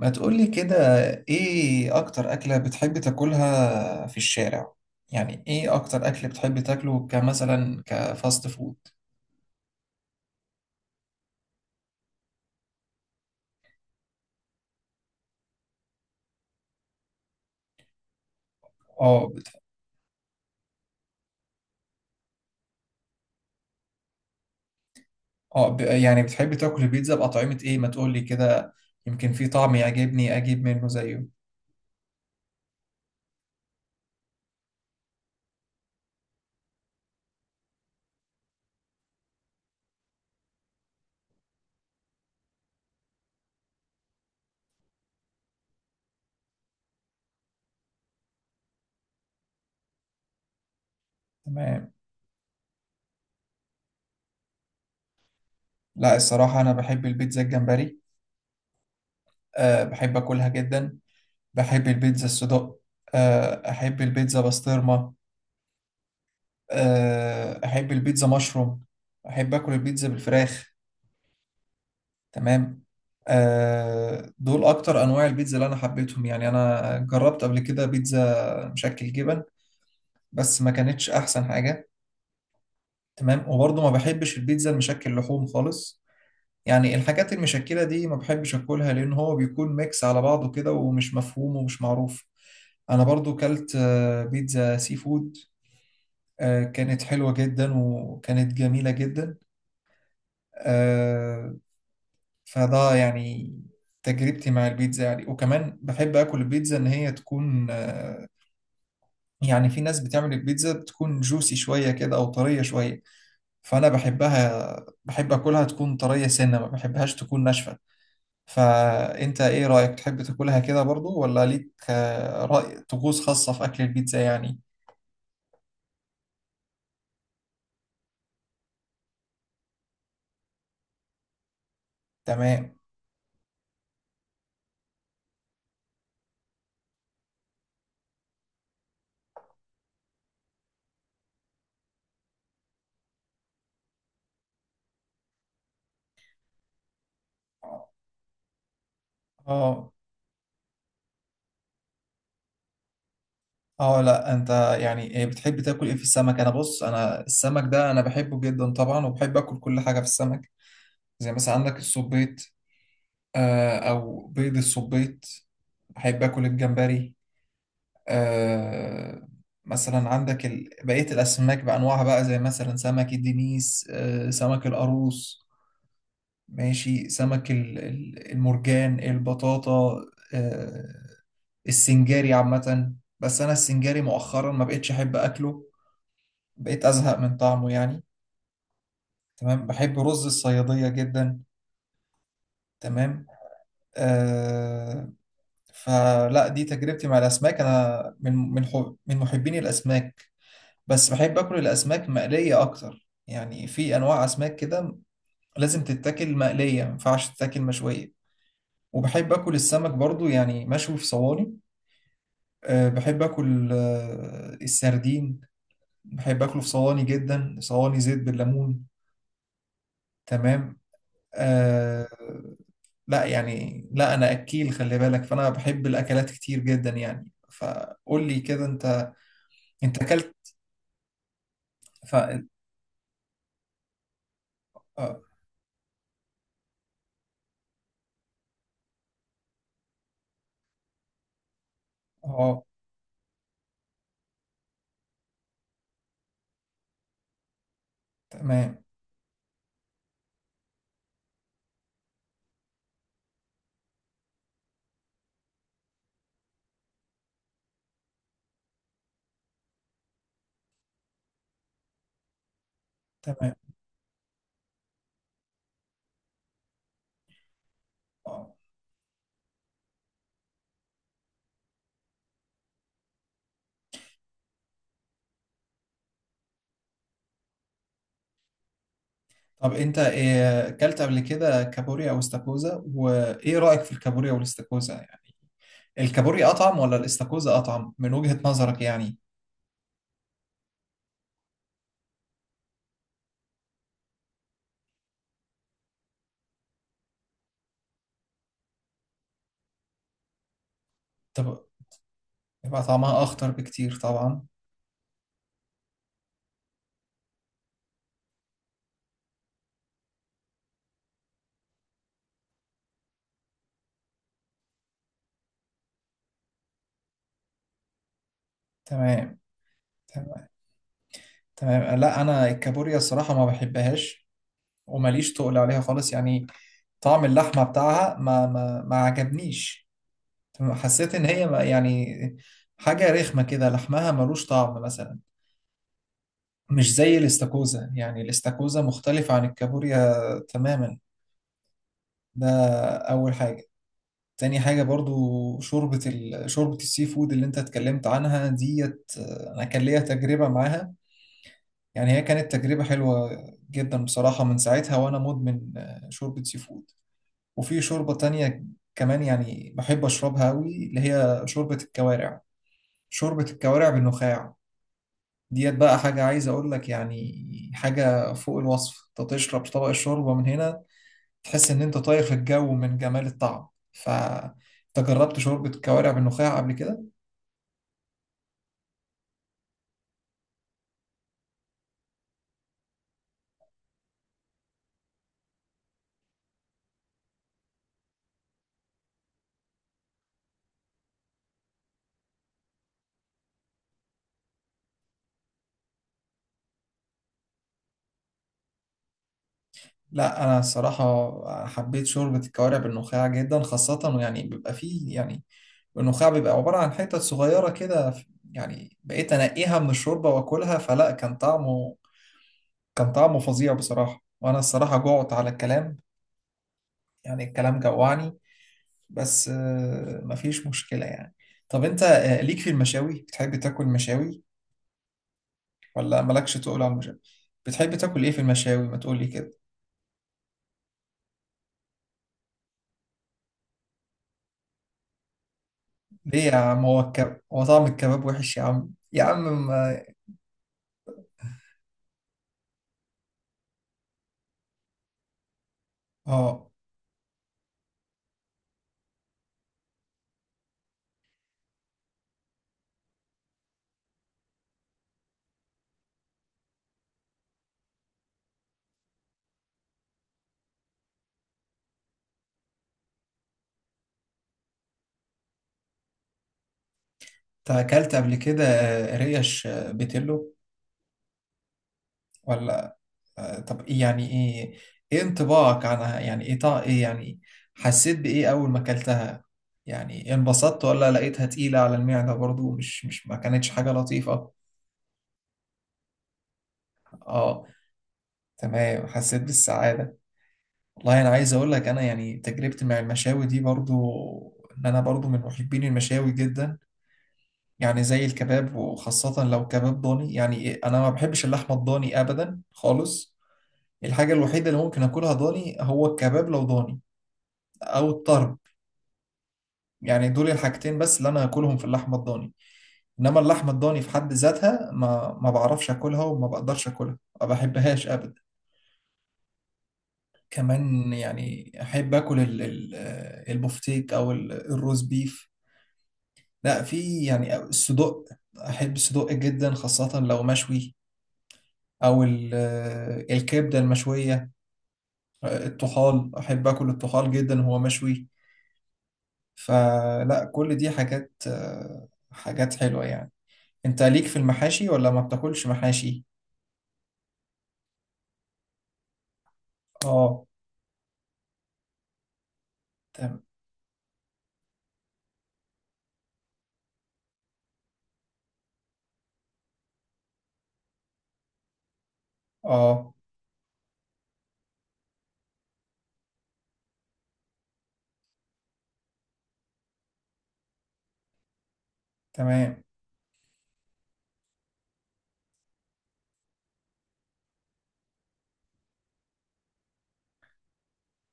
ما تقولي كده. ايه اكتر اكلة بتحب تاكلها في الشارع؟ يعني ايه اكتر اكل بتحب تاكله، كمثلا كفاست فود؟ اه، اه، يعني بتحب تاكل البيتزا بأطعمة ايه، ما تقولي كده. يمكن في طعم يعجبني اجيب منه زيه. تمام. لا الصراحة انا بحب البيتزا الجمبري. أه بحب اكلها جدا. بحب البيتزا الصدق. أه احب البيتزا بسطرمة. أه احب البيتزا مشروم. احب اكل البيتزا بالفراخ. تمام. دول اكتر انواع البيتزا اللي انا حبيتهم، يعني انا جربت قبل كده بيتزا مشكل جبن. بس ما كانتش احسن حاجة. تمام. وبرضه ما بحبش البيتزا المشكل لحوم خالص. يعني الحاجات المشكلة دي ما بحبش اكلها، لان هو بيكون ميكس على بعضه كده ومش مفهوم ومش معروف. انا برضو كلت بيتزا سي فود. كانت حلوة جدا وكانت جميلة جدا. آه، فده يعني تجربتي مع البيتزا، يعني وكمان بحب اكل البيتزا ان هي تكون يعني في ناس بتعمل البيتزا بتكون جوسي شوية كده او طرية شوية. فانا بحبها، بحب اكلها تكون طرية سنة، ما بحبهاش تكون ناشفة. فانت ايه رأيك؟ تحب تاكلها كده برضو، ولا ليك رأي طقوس خاصة في اكل البيتزا يعني؟ تمام. اه، اه، لا انت. يعني إيه بتحب تاكل ايه في السمك؟ انا بص، انا السمك ده انا بحبه جدا طبعا، وبحب اكل كل حاجة في السمك. زي مثلا عندك الصبيط، او بيض الصبيط. بحب اكل الجمبري. آه، مثلا عندك بقية الاسماك بانواعها بقى، زي مثلا سمك الدنيس، سمك القاروص. ماشي، سمك المرجان البطاطا، آه، السنجاري عامة. بس انا السنجاري مؤخرا ما بقتش احب اكله، بقيت ازهق من طعمه يعني. تمام، بحب رز الصيادية جدا. تمام. آه، فلا دي تجربتي مع الاسماك، انا من حب، من محبين الاسماك. بس بحب اكل الاسماك مقليه اكتر، يعني في انواع اسماك كده لازم تتاكل مقليه، ما ينفعش تتاكل مشويه. وبحب اكل السمك برضو، يعني مشوي في صواني. أه بحب اكل السردين. بحب اكله في صواني جدا، صواني زيت بالليمون. تمام. أه. لا، يعني لا، انا اكيل خلي بالك، فانا بحب الاكلات كتير جدا يعني. فقول لي كده انت، انت اكلت. ف اه. آه، تمام، تمام، اه. طب انت إيه اكلت قبل كده، كابوريا او استاكوزا؟ وايه رايك في الكابوريا والاستاكوزا يعني؟ الكابوريا اطعم ولا الاستاكوزا اطعم من وجهة نظرك يعني؟ طب، يبقى طعمها اخطر بكتير طبعا. تمام. تمام. تمام. لا، انا الكابوريا الصراحه ما بحبهاش، وماليش تقل عليها خالص يعني. طعم اللحمه بتاعها ما عجبنيش. تمام، حسيت ان هي يعني حاجه رخمه كده، لحمها ملوش طعم مثلا. مش زي الاستاكوزا، يعني الاستاكوزا مختلف عن الكابوريا تماما. ده أول حاجة. تاني حاجة برضو، شوربة السي فود اللي انت اتكلمت عنها ديت، انا كان ليا تجربة معاها. يعني هي كانت تجربة حلوة جدا بصراحة، من ساعتها وانا مدمن شوربة سي فود. وفي شوربة تانية كمان، يعني بحب اشربها قوي، اللي هي شوربة الكوارع، شوربة الكوارع بالنخاع. ديت بقى حاجة عايز أقول لك يعني، حاجة فوق الوصف. أنت تشرب طبق الشوربة من هنا، تحس إن أنت طاير في الجو من جمال الطعم. ف أنت جربت شوربة الكوارع بالنخاع قبل كده؟ لا، أنا الصراحة حبيت شوربة الكوارع بالنخاع جدا، خاصة يعني بيبقى فيه، يعني النخاع بيبقى عبارة عن حتت صغيرة كده. يعني بقيت أنقيها من الشوربة وأكلها، فلا كان طعمه فظيع بصراحة. وأنا الصراحة جوعت على الكلام، يعني الكلام جوعني. بس مفيش مشكلة يعني. طب انت ليك في المشاوي؟ بتحب تاكل مشاوي ولا مالكش، تقول على المشاوي؟ بتحب تاكل ايه في المشاوي، ما تقولي كده. ليه يا عم؟ هو طعم الكباب وحش يا عم؟ يا عم ما... اه. انت اكلت قبل كده ريش بيتلو ولا؟ طب ايه؟ يعني ايه؟ ايه انطباعك عنها، يعني ايه ايه يعني، حسيت بايه اول ما اكلتها؟ يعني انبسطت ولا لقيتها تقيلة على المعدة، برضو مش ما كانتش حاجة لطيفة؟ اه، تمام، حسيت بالسعادة. والله أنا عايز أقول لك أنا، يعني تجربتي مع المشاوي دي برضو، إن أنا برضو من محبين المشاوي جدا. يعني زي الكباب، وخاصة لو كباب ضاني، يعني إيه، أنا ما بحبش اللحمة الضاني أبدا خالص. الحاجة الوحيدة اللي ممكن أكلها ضاني هو الكباب لو ضاني، أو الطرب. يعني دول الحاجتين بس اللي أنا أكلهم في اللحمة الضاني. إنما اللحمة الضاني في حد ذاتها ما بعرفش أكلها، وما بقدرش أكلها، ما بحبهاش أبدا. كمان يعني احب اكل البفتيك، او الروز بيف. لا، في يعني الصدوق، احب الصدوق جدا خاصة لو مشوي، او الكبدة المشوية. الطحال، احب اكل الطحال جدا وهو مشوي. فلا كل دي حاجات، حاجات حلوة يعني. انت ليك في المحاشي، ولا ما بتاكلش محاشي؟ اه، تمام. اه، تمام.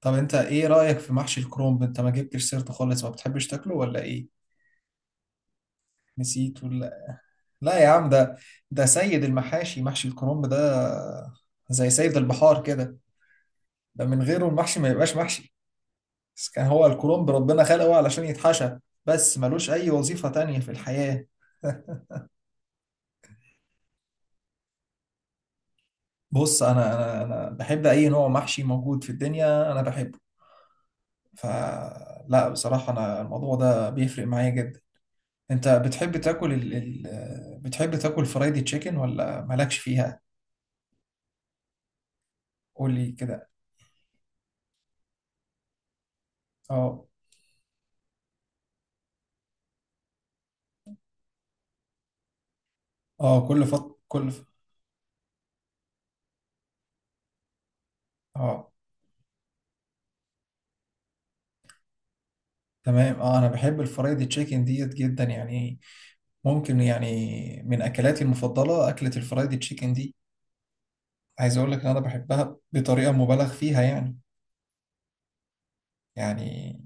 طب انت ايه رأيك في محشي الكرنب؟ انت ما جبتش سيرته خالص، ما بتحبش تاكله ولا ايه؟ نسيت ولا؟ لا يا عم، ده سيد المحاشي، محشي الكرنب ده، زي سيد البحار كده. ده من غيره المحشي ما يبقاش محشي. بس كان هو الكرنب ربنا خلقه علشان يتحشى، بس ملوش أي وظيفة تانية في الحياة. بص أنا بحب أي نوع محشي موجود في الدنيا أنا بحبه. فلا بصراحة أنا الموضوع ده بيفرق معايا جدا. أنت بتحب تاكل بتحب تاكل فرايدي تشيكن ولا مالكش فيها؟ قول لي كده. اه، اه، كل، اه، تمام، اه. انا بحب الفرايد تشيكن ديت جدا يعني. ممكن يعني من اكلاتي المفضله اكله الفرايد تشيكن دي. عايز اقول لك ان انا بحبها بطريقه مبالغ فيها يعني. يعني،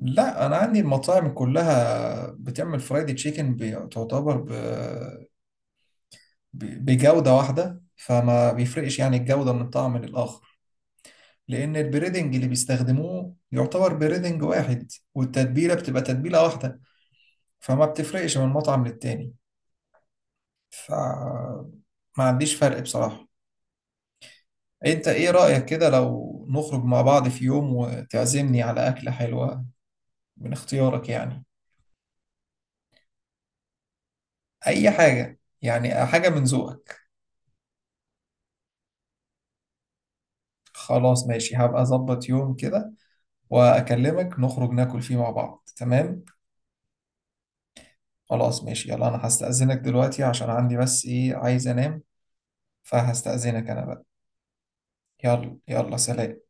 لا انا عندي المطاعم كلها بتعمل فرايد تشيكن بتعتبر بجوده واحده، فما بيفرقش يعني الجوده من طعم للاخر. لان البريدنج اللي بيستخدموه يعتبر بريدنج واحد، والتتبيله بتبقى تتبيله واحده. فما بتفرقش من مطعم للتاني. فما عنديش فرق بصراحة. انت ايه رأيك كده لو نخرج مع بعض في يوم، وتعزمني على أكلة حلوة من اختيارك يعني؟ اي حاجة يعني، حاجة من ذوقك. خلاص ماشي، هبقى اظبط يوم كده واكلمك، نخرج ناكل فيه مع بعض. تمام. خلاص ماشي، يلا انا هستأذنك دلوقتي، عشان عندي بس ايه، عايز انام. فهستأذنك انا بقى. يلا يلا سلام.